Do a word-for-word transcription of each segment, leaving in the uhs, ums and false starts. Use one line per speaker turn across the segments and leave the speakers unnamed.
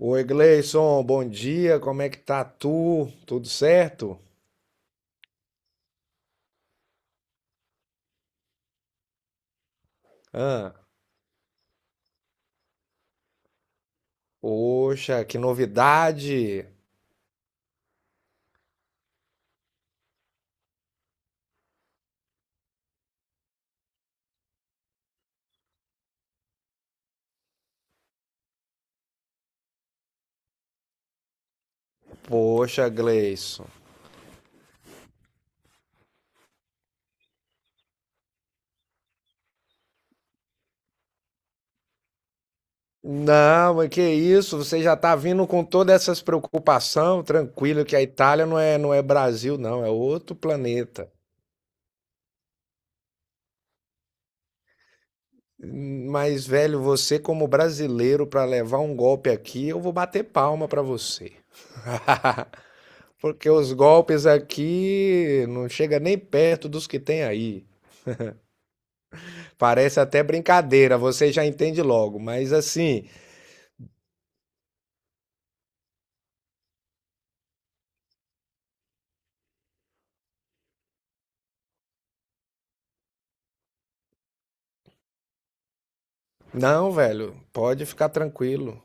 Oi, Gleison, bom dia, como é que tá tu? Tudo certo? Ah, poxa, que novidade! Poxa, Gleison. Não, mas que isso, você já tá vindo com todas essas preocupações, tranquilo que a Itália não é, não é Brasil, não, é outro planeta. Mas, velho, você como brasileiro, pra levar um golpe aqui, eu vou bater palma pra você. Porque os golpes aqui não chega nem perto dos que tem aí. Parece até brincadeira, você já entende logo, mas assim, não, velho, pode ficar tranquilo.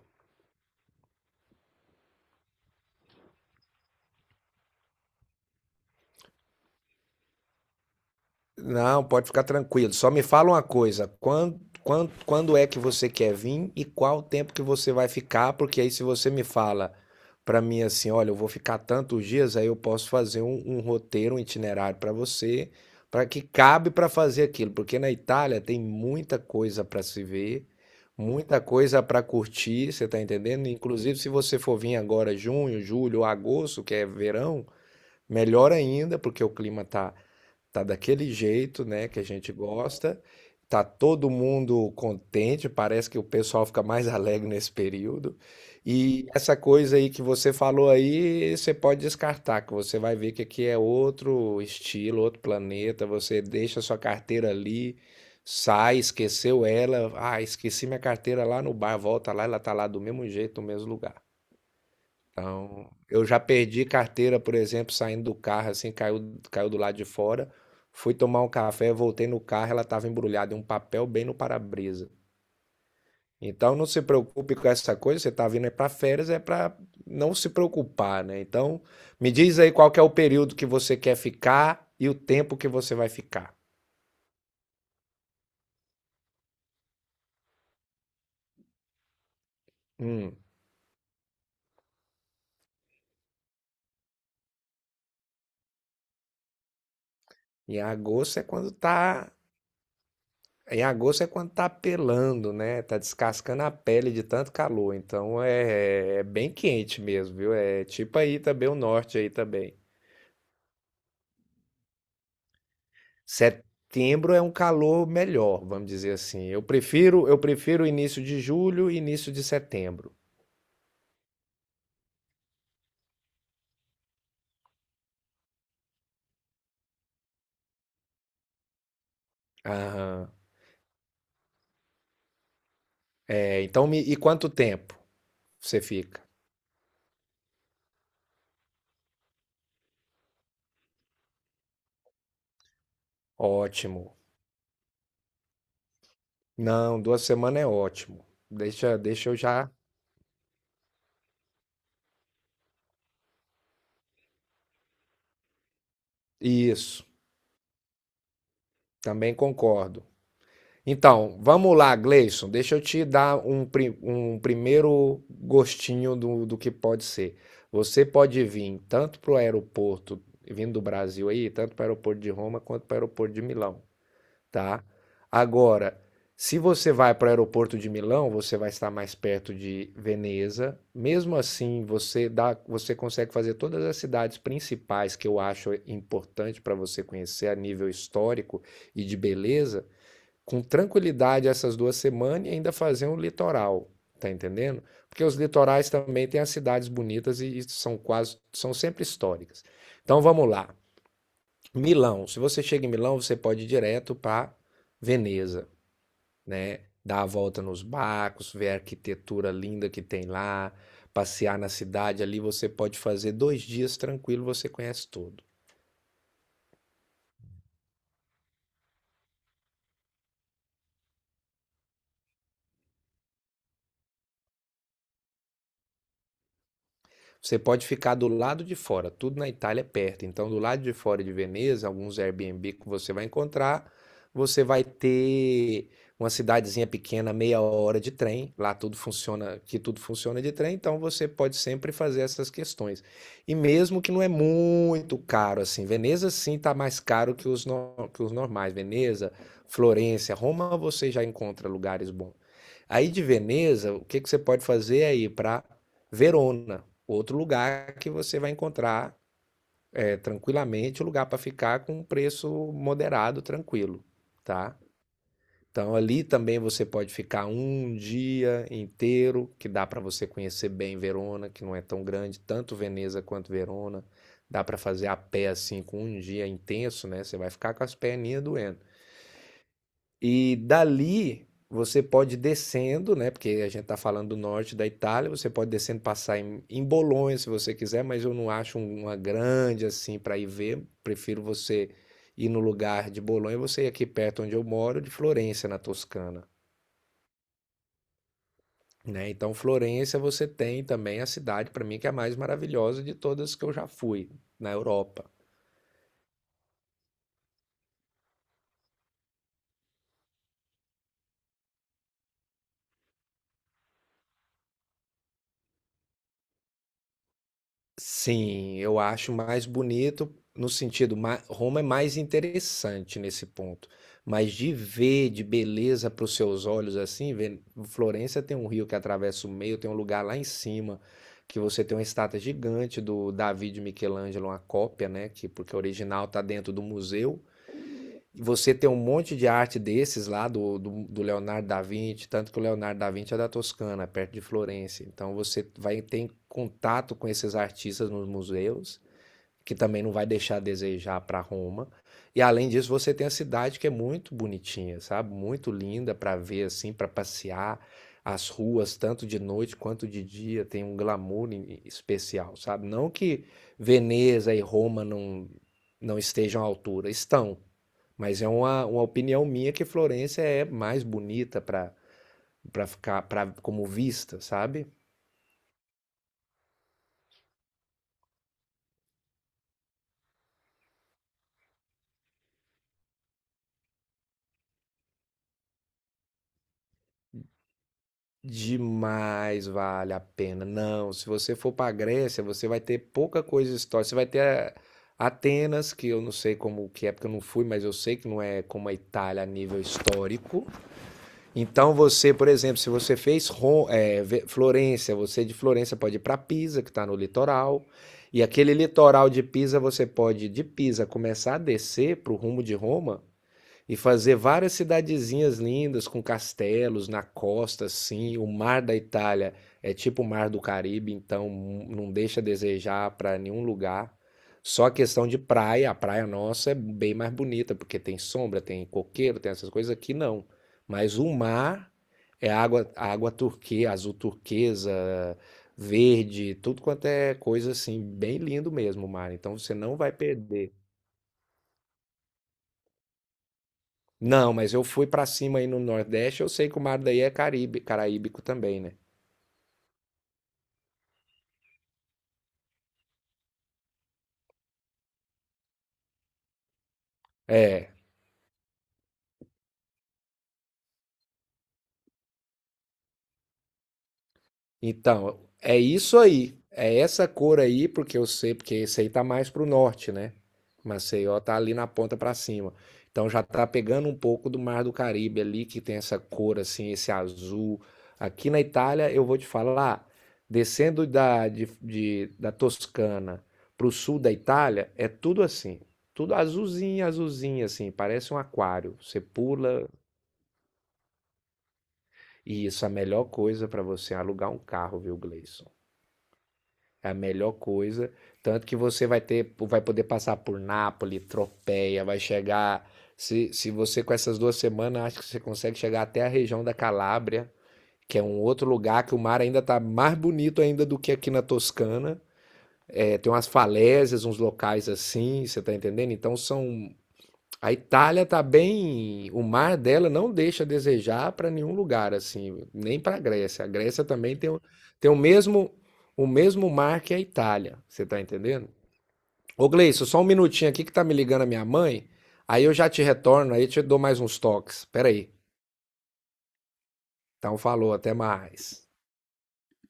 Não, pode ficar tranquilo. Só me fala uma coisa, quando, quando, quando é que você quer vir e qual o tempo que você vai ficar? Porque aí se você me fala para mim assim, olha, eu vou ficar tantos dias, aí eu posso fazer um, um roteiro, um itinerário para você, para que cabe para fazer aquilo, porque na Itália tem muita coisa para se ver, muita coisa para curtir, você tá entendendo? Inclusive, se você for vir agora junho, julho, agosto, que é verão, melhor ainda, porque o clima tá tá daquele jeito, né, que a gente gosta. Tá todo mundo contente, parece que o pessoal fica mais alegre nesse período. E essa coisa aí que você falou aí, você pode descartar, que você vai ver que aqui é outro estilo, outro planeta. Você deixa sua carteira ali, sai, esqueceu ela. Ah, esqueci minha carteira lá no bar, volta lá, ela tá lá do mesmo jeito, no mesmo lugar. Então, eu já perdi carteira, por exemplo, saindo do carro, assim, caiu, caiu do lado de fora. Fui tomar um café, voltei no carro, ela estava embrulhada em um papel bem no para-brisa. Então, não se preocupe com essa coisa, você está vindo é para férias, é para não se preocupar, né? Então, me diz aí qual que é o período que você quer ficar e o tempo que você vai ficar. Hum. Em agosto é quando tá Em agosto é quando tá pelando, né? Tá descascando a pele de tanto calor. Então é, é bem quente mesmo, viu? É tipo aí também o norte aí também. Setembro é um calor melhor, vamos dizer assim. Eu prefiro, eu prefiro início de julho e início de setembro. Aham. É, então me- e quanto tempo você fica? Ótimo. Não, duas semanas é ótimo. Deixa, deixa eu já. Isso. Também concordo. Então, vamos lá, Gleison. Deixa eu te dar um, pri- um primeiro gostinho do, do que pode ser. Você pode vir tanto para o aeroporto, vindo do Brasil aí, tanto para o aeroporto de Roma quanto para o aeroporto de Milão, tá? Agora, se você vai para o aeroporto de Milão, você vai estar mais perto de Veneza. Mesmo assim, você dá, você consegue fazer todas as cidades principais que eu acho importante para você conhecer a nível histórico e de beleza com tranquilidade essas duas semanas e ainda fazer um litoral, tá entendendo? Porque os litorais também têm as cidades bonitas e, e são quase, são sempre históricas. Então vamos lá. Milão. Se você chega em Milão, você pode ir direto para Veneza, né? Dar a volta nos barcos, ver a arquitetura linda que tem lá, passear na cidade. Ali você pode fazer dois dias tranquilo, você conhece tudo. Você pode ficar do lado de fora, tudo na Itália é perto. Então, do lado de fora de Veneza, alguns Airbnb que você vai encontrar, você vai ter uma cidadezinha pequena, meia hora de trem. Lá tudo funciona, que tudo funciona de trem, então você pode sempre fazer essas questões. E mesmo que não é muito caro assim, Veneza sim está mais caro que os, no- que os normais. Veneza, Florença, Roma, você já encontra lugares bons. Aí de Veneza, o que que você pode fazer é ir para Verona outro lugar que você vai encontrar é, tranquilamente, um lugar para ficar com um preço moderado, tranquilo, tá? Então ali também você pode ficar um dia inteiro, que dá para você conhecer bem Verona, que não é tão grande, tanto Veneza quanto Verona. Dá para fazer a pé assim com um dia intenso, né? Você vai ficar com as perninhas doendo. E dali você pode ir descendo, né? Porque a gente está falando do norte da Itália, você pode descendo passar em, em, Bolonha se você quiser, mas eu não acho um- uma grande assim para ir ver. Prefiro você ir no lugar de Bolonha, você ir aqui perto onde eu moro, de Florença, na Toscana. Né? Então, Florença você tem também a cidade, para mim, que é a mais maravilhosa de todas que eu já fui na Europa. Sim, eu acho mais bonito no sentido, ma Roma é mais interessante nesse ponto, mas de ver de beleza para os seus olhos, assim, ver Florença tem um rio que atravessa o meio, tem um lugar lá em cima que você tem uma estátua gigante do Davi de Michelangelo, uma cópia, né, que porque o original está dentro do museu. Você tem um monte de arte desses lá do, do, do Leonardo da Vinci, tanto que o Leonardo da Vinci é da Toscana, perto de Florença. Então você vai ter contato com esses artistas nos museus que também não vai deixar a desejar para Roma. E além disso, você tem a cidade que é muito bonitinha, sabe? Muito linda para ver assim, para passear. As ruas, tanto de noite quanto de dia, tem um glamour em- especial, sabe? Não que Veneza e Roma não, não estejam à altura, estão. Mas é uma, uma opinião minha que Florença é mais bonita para para ficar pra, como vista, sabe? Demais vale a pena. Não, se você for para a Grécia, você vai ter pouca coisa histórica. Você vai ter eh, Atenas, que eu não sei como que é, porque eu não fui, mas eu sei que não é como a Itália a nível histórico. Então você, por exemplo, se você fez Ro- eh, Ve- Florença, você de Florença pode ir para Pisa, que está no litoral. E aquele litoral de Pisa, você pode de Pisa começar a descer para o rumo de Roma e fazer várias cidadezinhas lindas com castelos na costa, assim. O mar da Itália é tipo o mar do Caribe, então hum, não deixa a desejar para nenhum lugar. Só a questão de praia, a praia nossa é bem mais bonita, porque tem sombra, tem coqueiro, tem essas coisas aqui não. Mas o mar é água, água turquesa, azul turquesa, verde, tudo quanto é coisa assim, bem lindo mesmo o mar. Então você não vai perder. Não, mas eu fui pra cima aí no Nordeste, eu sei que o mar daí é Caribe, caraíbico também, né? É. Então, é isso aí. É essa cor aí, porque eu sei, porque esse aí tá mais pro norte, né? Maceió tá ali na ponta pra cima. Então já tá pegando um pouco do Mar do Caribe ali, que tem essa cor assim, esse azul. Aqui na Itália, eu vou te falar, descendo da, de, de- da Toscana pro sul da Itália, é tudo assim. Tudo azulzinho, azulzinho, assim, parece um aquário. Você pula, e isso é a melhor coisa pra você alugar um carro, viu, Gleison? É a melhor coisa. Tanto que você vai ter, vai poder passar por Nápoles, Tropea, vai chegar. Se, se você com essas duas semanas, acho que você consegue chegar até a região da Calábria, que é um outro lugar que o mar ainda tá mais bonito ainda do que aqui na Toscana. É, tem umas falésias, uns locais assim, você tá entendendo? Então são a Itália tá bem, o mar dela não deixa a desejar para nenhum lugar assim, nem para a Grécia. A Grécia também tem, o- tem o mesmo o mesmo mar que a Itália, você tá entendendo? Ô Gleison, só um minutinho aqui que tá me ligando a minha mãe, aí eu já te retorno, aí eu te dou mais uns toques. Pera aí. Então falou, até mais.